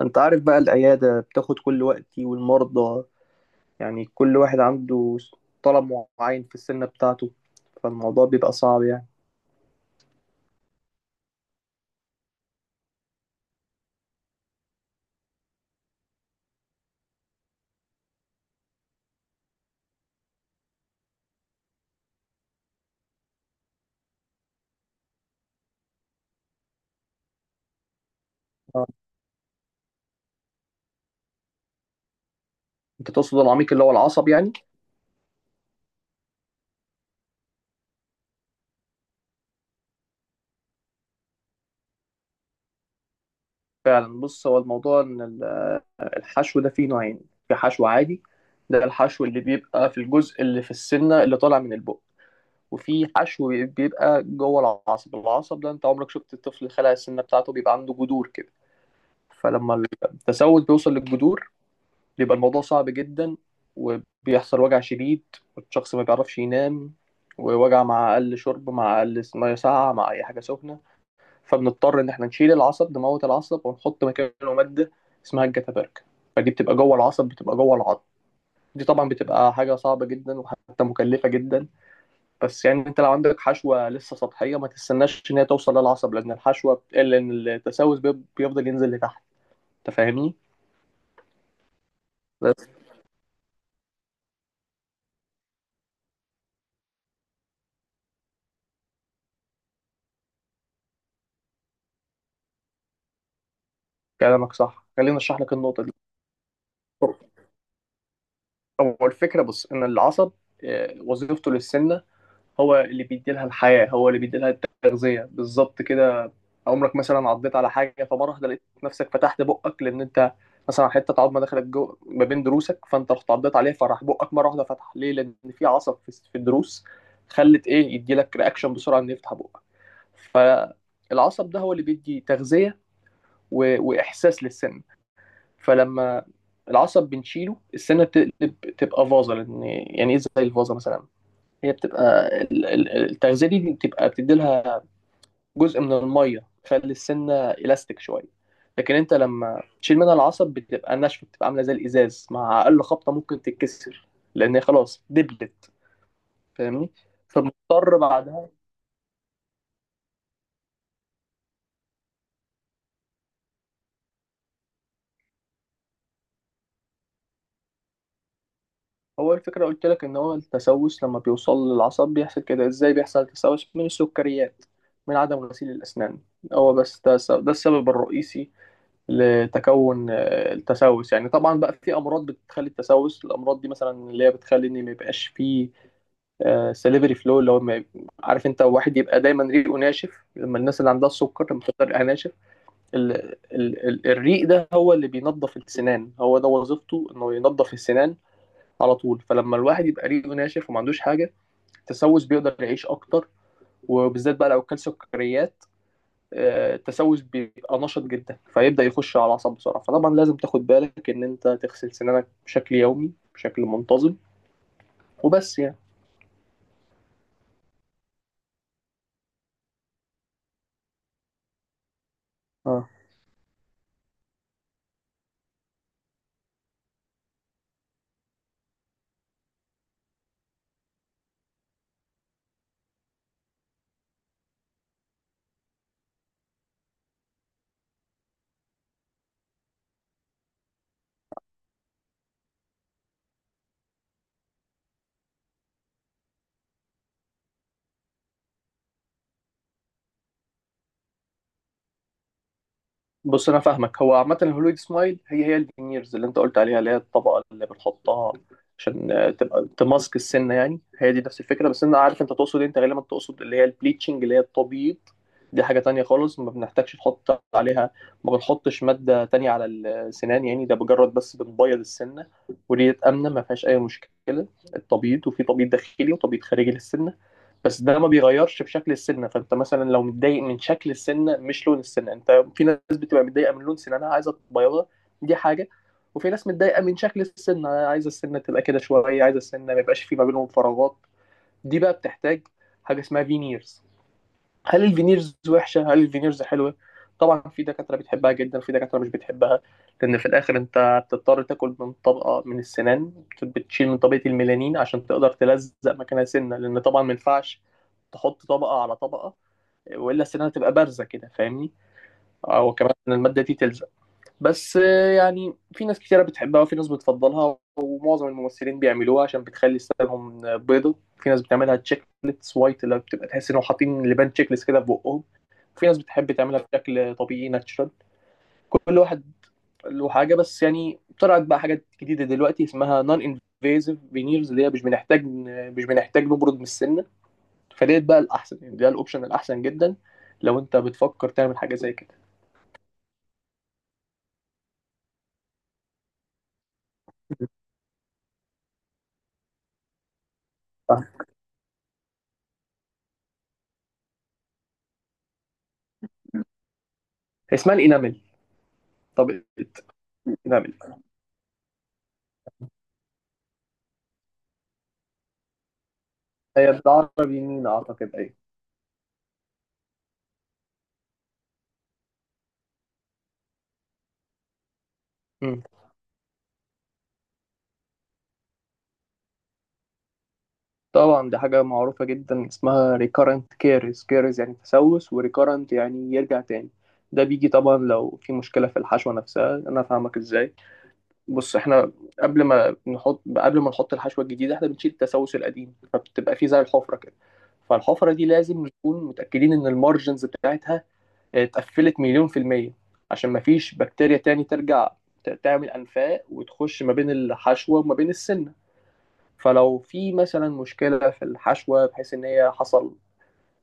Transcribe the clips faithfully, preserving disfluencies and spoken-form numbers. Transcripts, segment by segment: انت عارف بقى العيادة بتاخد كل وقتي والمرضى. يعني كل واحد عنده طلب معين في السنة بتاعته، فالموضوع بيبقى صعب يعني. آه. انت تقصد العميق اللي هو العصب يعني. فعلا بص، هو الموضوع ان ال- آه، الحشو ده فيه نوعين. في حشو عادي، ده الحشو اللي بيبقى في الجزء اللي في السنة اللي طالع من البق، وفي حشو بيبقى جوه العصب العصب ده انت عمرك شفت الطفل خلع السنة بتاعته، بيبقى عنده جذور كده. فلما التسود بيوصل للجذور بيبقى الموضوع صعب جدا، وبيحصل وجع شديد، والشخص ما بيعرفش ينام، ووجع مع أقل شرب، مع أقل مية ساقعة، مع أي حاجة سخنة. فبنضطر إن إحنا نشيل العصب، نموت العصب ونحط مكانه مادة اسمها الجتابرك. فدي بتبقى جوه العصب، بتبقى جوه العظم. دي طبعا بتبقى حاجة صعبة جدا وحتى مكلفة جدا. بس يعني انت لو عندك حشوة لسه سطحية، ما تستناش ان هي توصل للعصب، لان الحشوة بتقل ان التسوس بي- بيفضل ينزل لتحت. انت فاهمني؟ بس كلامك صح، خلينا نشرح لك النقطة دي. هو الفكرة بص إن العصب، آه، وظيفته للسمنة، هو اللي بيديلها الحياة، هو اللي بيديلها التغذية بالظبط كده. عمرك مثلا عضيت على حاجة فمرة واحدة لقيت نفسك فتحت بقك؟ لأن أنت مثلا حتة عظمة دخلت جو ما بين ضروسك، فأنت رحت عضيت عليها فراح بقك مرة واحدة فتح. ليه؟ لأن في عصب في في الضروس، خلت إيه يديلك رياكشن بسرعة إنه يفتح بقك. فالعصب ده هو اللي بيدي تغذية و... وإحساس للسن. فلما العصب بنشيله، السنه بتقلب تبقى فازه. لان يعني ايه زي الفازه مثلا؟ هي بتبقى ال- ال- التغذيه دي بتبقى بتدي لها جزء من الميه، تخلي السنه الاستيك شويه. لكن انت لما تشيل منها العصب بتبقى ناشفه، بتبقى عامله زي الازاز، مع اقل خبطه ممكن تتكسر، لان هي خلاص دبلت. فاهمني؟ فبنضطر بعدها. هو الفكرة قلت لك إن هو التسوس لما بيوصل للعصب بيحصل كده. إزاي بيحصل تسوس؟ من السكريات، من عدم غسيل الأسنان، هو بس ده الس- ده السبب الرئيسي لتكون آه، التسوس يعني. طبعا بقى في أمراض بتخلي التسوس، الأمراض دي مثلا اللي هي بتخلي إن ما يبقاش فيه سليفري فلو، اللي هو ما- عارف أنت واحد يبقى دايما ريقه ناشف، لما الناس اللي عندها السكر لما بتبقى ريقها ناشف. ال- ال- ال- الريق ده هو اللي بينظف السنان، هو ده وظيفته، إنه ينظف السنان على طول. فلما الواحد يبقى ريقه ناشف وما عندوش حاجه، التسوس بيقدر يعيش اكتر. وبالذات بقى لو كل سكريات، آه، التسوس بيبقى نشط جدا فيبدا يخش على الاعصاب بسرعه. فطبعا لازم تاخد بالك ان انت تغسل سنانك بشكل يومي بشكل منتظم، وبس يعني. اه، بص انا فاهمك. هو عامه الهولويد سمايل هي هي الفينيرز اللي انت قلت عليها، اللي هي الطبقه اللي بنحطها عشان آه، تبقى تماسك السنه يعني. هي دي نفس الفكره، بس انا عارف انت تقصد إيه، انت غالبا تقصد اللي هي البليتشنج اللي هي التبييض. دي حاجه تانية خالص، ما بنحتاجش نحط عليها، ما بنحطش ماده تانية على السنان، يعني ده مجرد بس بنبيض السنه. ودي امنه، ما فيهاش اي مشكله، التبييض. وفي تبييض داخلي وتبييض خارجي للسنه. بس ده ما بيغيرش في شكل السنه. فانت مثلا لو متضايق من شكل السنه مش لون السنه، انت في ناس بتبقى متضايقه من لون سنانها عايزه تبيضها، دي حاجه. وفي ناس متضايقه من شكل السنه، عايزه السنه تبقى كده شويه، عايزه السنه ما يبقاش في ما بينهم فراغات، دي بقى بتحتاج حاجه اسمها فينيرز. هل الفينيرز وحشه؟ هل الفينيرز حلوه؟ طبعا في دكاتره بتحبها جدا، في دكاتره مش بتحبها، لان في الاخر انت بتضطر تاكل من طبقه من السنان، بتشيل من طبقه الميلانين عشان تقدر تلزق مكانها سنه، لان طبعا ما ينفعش تحط طبقه على طبقه، والا السنان تبقى بارزه كده. فاهمني؟ او كمان إن الماده دي تلزق. بس آه، يعني في ناس كتيرة بتحبها وفي ناس بتفضلها، ومعظم الممثلين بيعملوها عشان بتخلي ستايلهم آه، بيضة. في ناس بتعملها تشيك ليتس وايت، اللي بتبقى تحس انهم حاطين لبان تشيك ليست كده في بقهم. في ناس بتحب تعملها بشكل طبيعي ناتشرال. كل واحد له حاجة. بس يعني طلعت بقى حاجات جديدة دلوقتي اسمها نون انفيزيف فينيرز، اللي هي مش بنحتاج آه، مش بنحتاج نبرد من السنة. فديت بقى الأحسن يعني، ده الأوبشن الأحسن جدا لو أنت بتفكر تعمل حاجة زي كده. اسمها الإنامل. طب الإنامل هي بالعربي يمين أعتقد، أيوة. مم. طبعا دي حاجة معروفة جدا اسمها recurrent caries. caries يعني تسوس، و recurrent يعني يرجع تاني. ده بيجي طبعا لو في مشكلة في الحشوة نفسها. أنا فاهمك إزاي. بص إحنا قبل ما نحط قبل ما نحط الحشوة الجديدة إحنا بنشيل التسوس القديم، فبتبقى فيه زي الحفرة كده. فالحفرة دي لازم نكون متأكدين إن المارجنز بتاعتها اتقفلت مليون في المية، عشان مفيش بكتيريا تاني ترجع ت- تعمل أنفاق وتخش ما بين الحشوة وما بين السن. فلو في مثلا مشكلة في الحشوة بحيث إن هي حصل،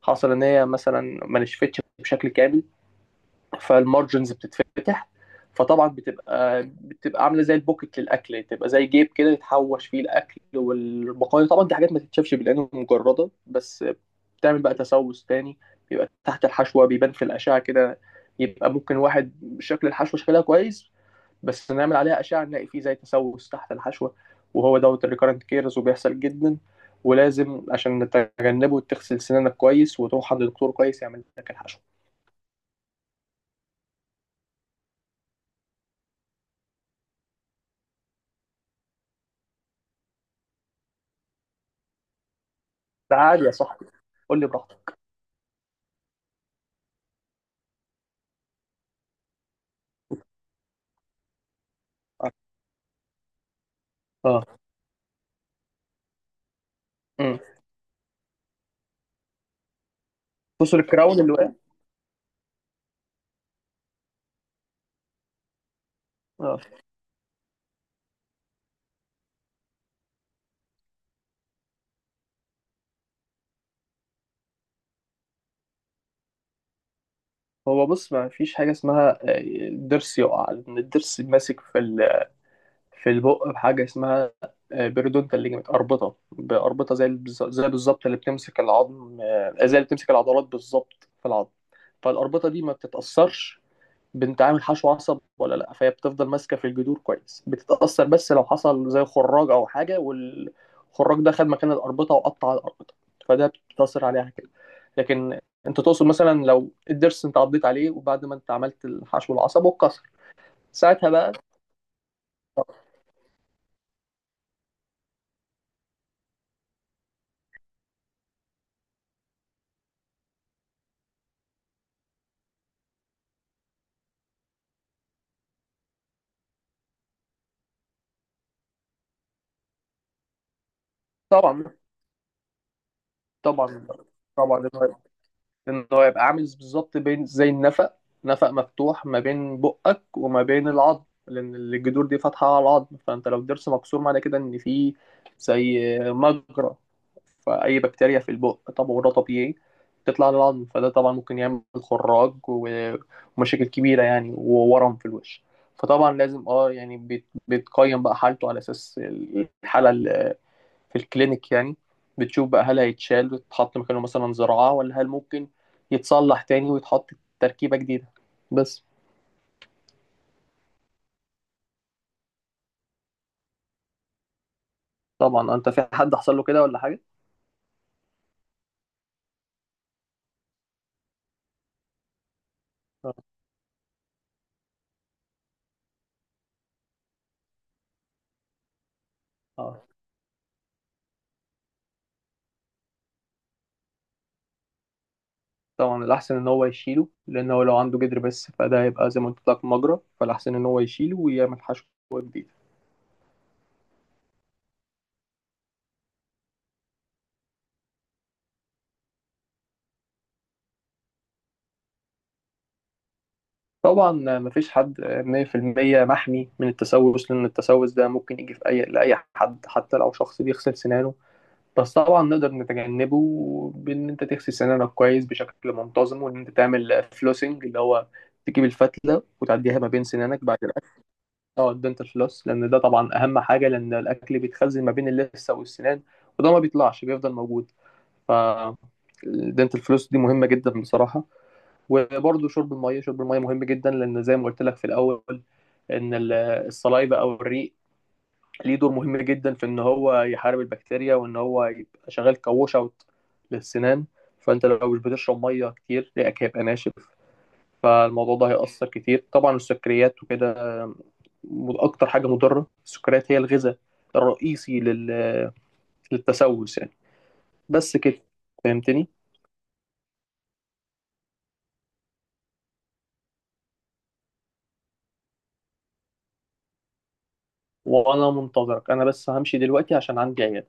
حصل إن هي مثلا ما نشفتش بشكل كامل، فالمارجنز بتتفتح. فطبعا بتبقى بتبقى عاملة زي البوكت للأكل، يعني تبقى زي جيب كده يتحوش فيه الأكل والبقايا. طبعا دي حاجات ما تتشافش بالعين المجردة، بس بتعمل بقى تسوس تاني بيبقى تحت الحشوة، بيبان في الأشعة كده. يبقى ممكن واحد شكل الحشوة شكلها كويس، بس نعمل عليها أشعة نلاقي فيه زي تسوس تحت الحشوة. وهو دوت الريكارنت كيرز، وبيحصل جدا. ولازم عشان نتجنبه تغسل سنانك كويس، وتروح عند دكتور كويس يعمل لك الحشوة. ده عادي يا صاحبي، قول لي براحتك. اه. امم، بص الكراون اللي واقع. اه، هو بص ما فيش حاجة اسمها آه، الضرس يقع، لأن الضرس ماسك في ال في البق بحاجة اسمها آه، بيريدونتال ليجمنت، أربطة بأربطة، زي البز- زي بالظبط اللي بتمسك العظم، آه، زي اللي بتمسك العضلات بالظبط في العظم. فالأربطة دي ما بتتأثرش بانتعامل حشو عصب ولا لا، فهي بتفضل ماسكة في الجذور كويس. بتتأثر بس لو حصل زي خراج أو حاجة، والخراج ده خد مكان الأربطة وقطع الأربطة، فده بتتأثر عليها كده. لكن انت تقصد مثلا لو الضرس انت عضيت عليه وبعد ما انت عملت الحشو العصب واتكسر. ساعتها بقى طبعا. طبعا طبعا إن هو إن هو يبقى عامل بالظبط بين زي النفق، نفق مفتوح ما بين بقك وما بين العظم، لأن الجذور دي فاتحة على العظم. فأنت لو الضرس مكسور معنى كده إن في زي مجرى، فأي بكتيريا في البق طبعا وده طبيعي تطلع للعظم، فده طبعا ممكن يعمل خراج و- ومشاكل كبيرة يعني، وورم في الوش. فطبعا لازم اه يعني بيت- بيتقيم بقى حالته على أساس الحالة في الكلينيك يعني. بتشوف بقى هل هيتشال ويتحط مكانه مثلا زراعة، ولا هل ممكن يتصلح تاني ويتحط تركيبة جديدة بس. طبعا، انت في حد حصل له كده ولا حاجة؟ اه. آه. طبعا الأحسن إن هو يشيله، لأن هو لو عنده جدر بس، فده هيبقى زي ما قلت لك مجرى، فالأحسن إن هو يشيله ويعمل حشوة جديدة. طبعا مفيش حد مية في المية محمي من التسوس، لأن التسوس ده ممكن يجي في أي لأي حد، حتى لو شخص بيغسل سنانه. بس طبعا نقدر نتجنبه بان انت تغسل سنانك كويس بشكل منتظم، وان انت تعمل فلوسنج، اللي هو تجيب الفتله وتعديها ما بين سنانك بعد الاكل. اه الدنتال فلوس، لان ده طبعا اهم حاجه، لان الاكل بيتخزن ما بين اللثه والسنان وده ما بيطلعش، بيفضل موجود. ف الدنتال فلوس دي مهمه جدا بصراحه. وبرده شرب الميه، شرب الميه مهم جدا، لان زي ما قلت لك في الاول، ان ال- الصلايبه او الريق ليه دور مهم جدا في ان هو يحارب البكتيريا، وان هو يبقى شغال كووش اوت للسنان. فانت لو مش بتشرب ميه كتير ريقك هيبقى ناشف، فالموضوع ده هيأثر كتير. طبعا السكريات وكده، م- اكتر حاجه مضره السكريات، هي الغذاء الرئيسي لل... للتسوس يعني. بس كده، فهمتني. وانا منتظرك، انا بس همشي دلوقتي عشان عندي عيال.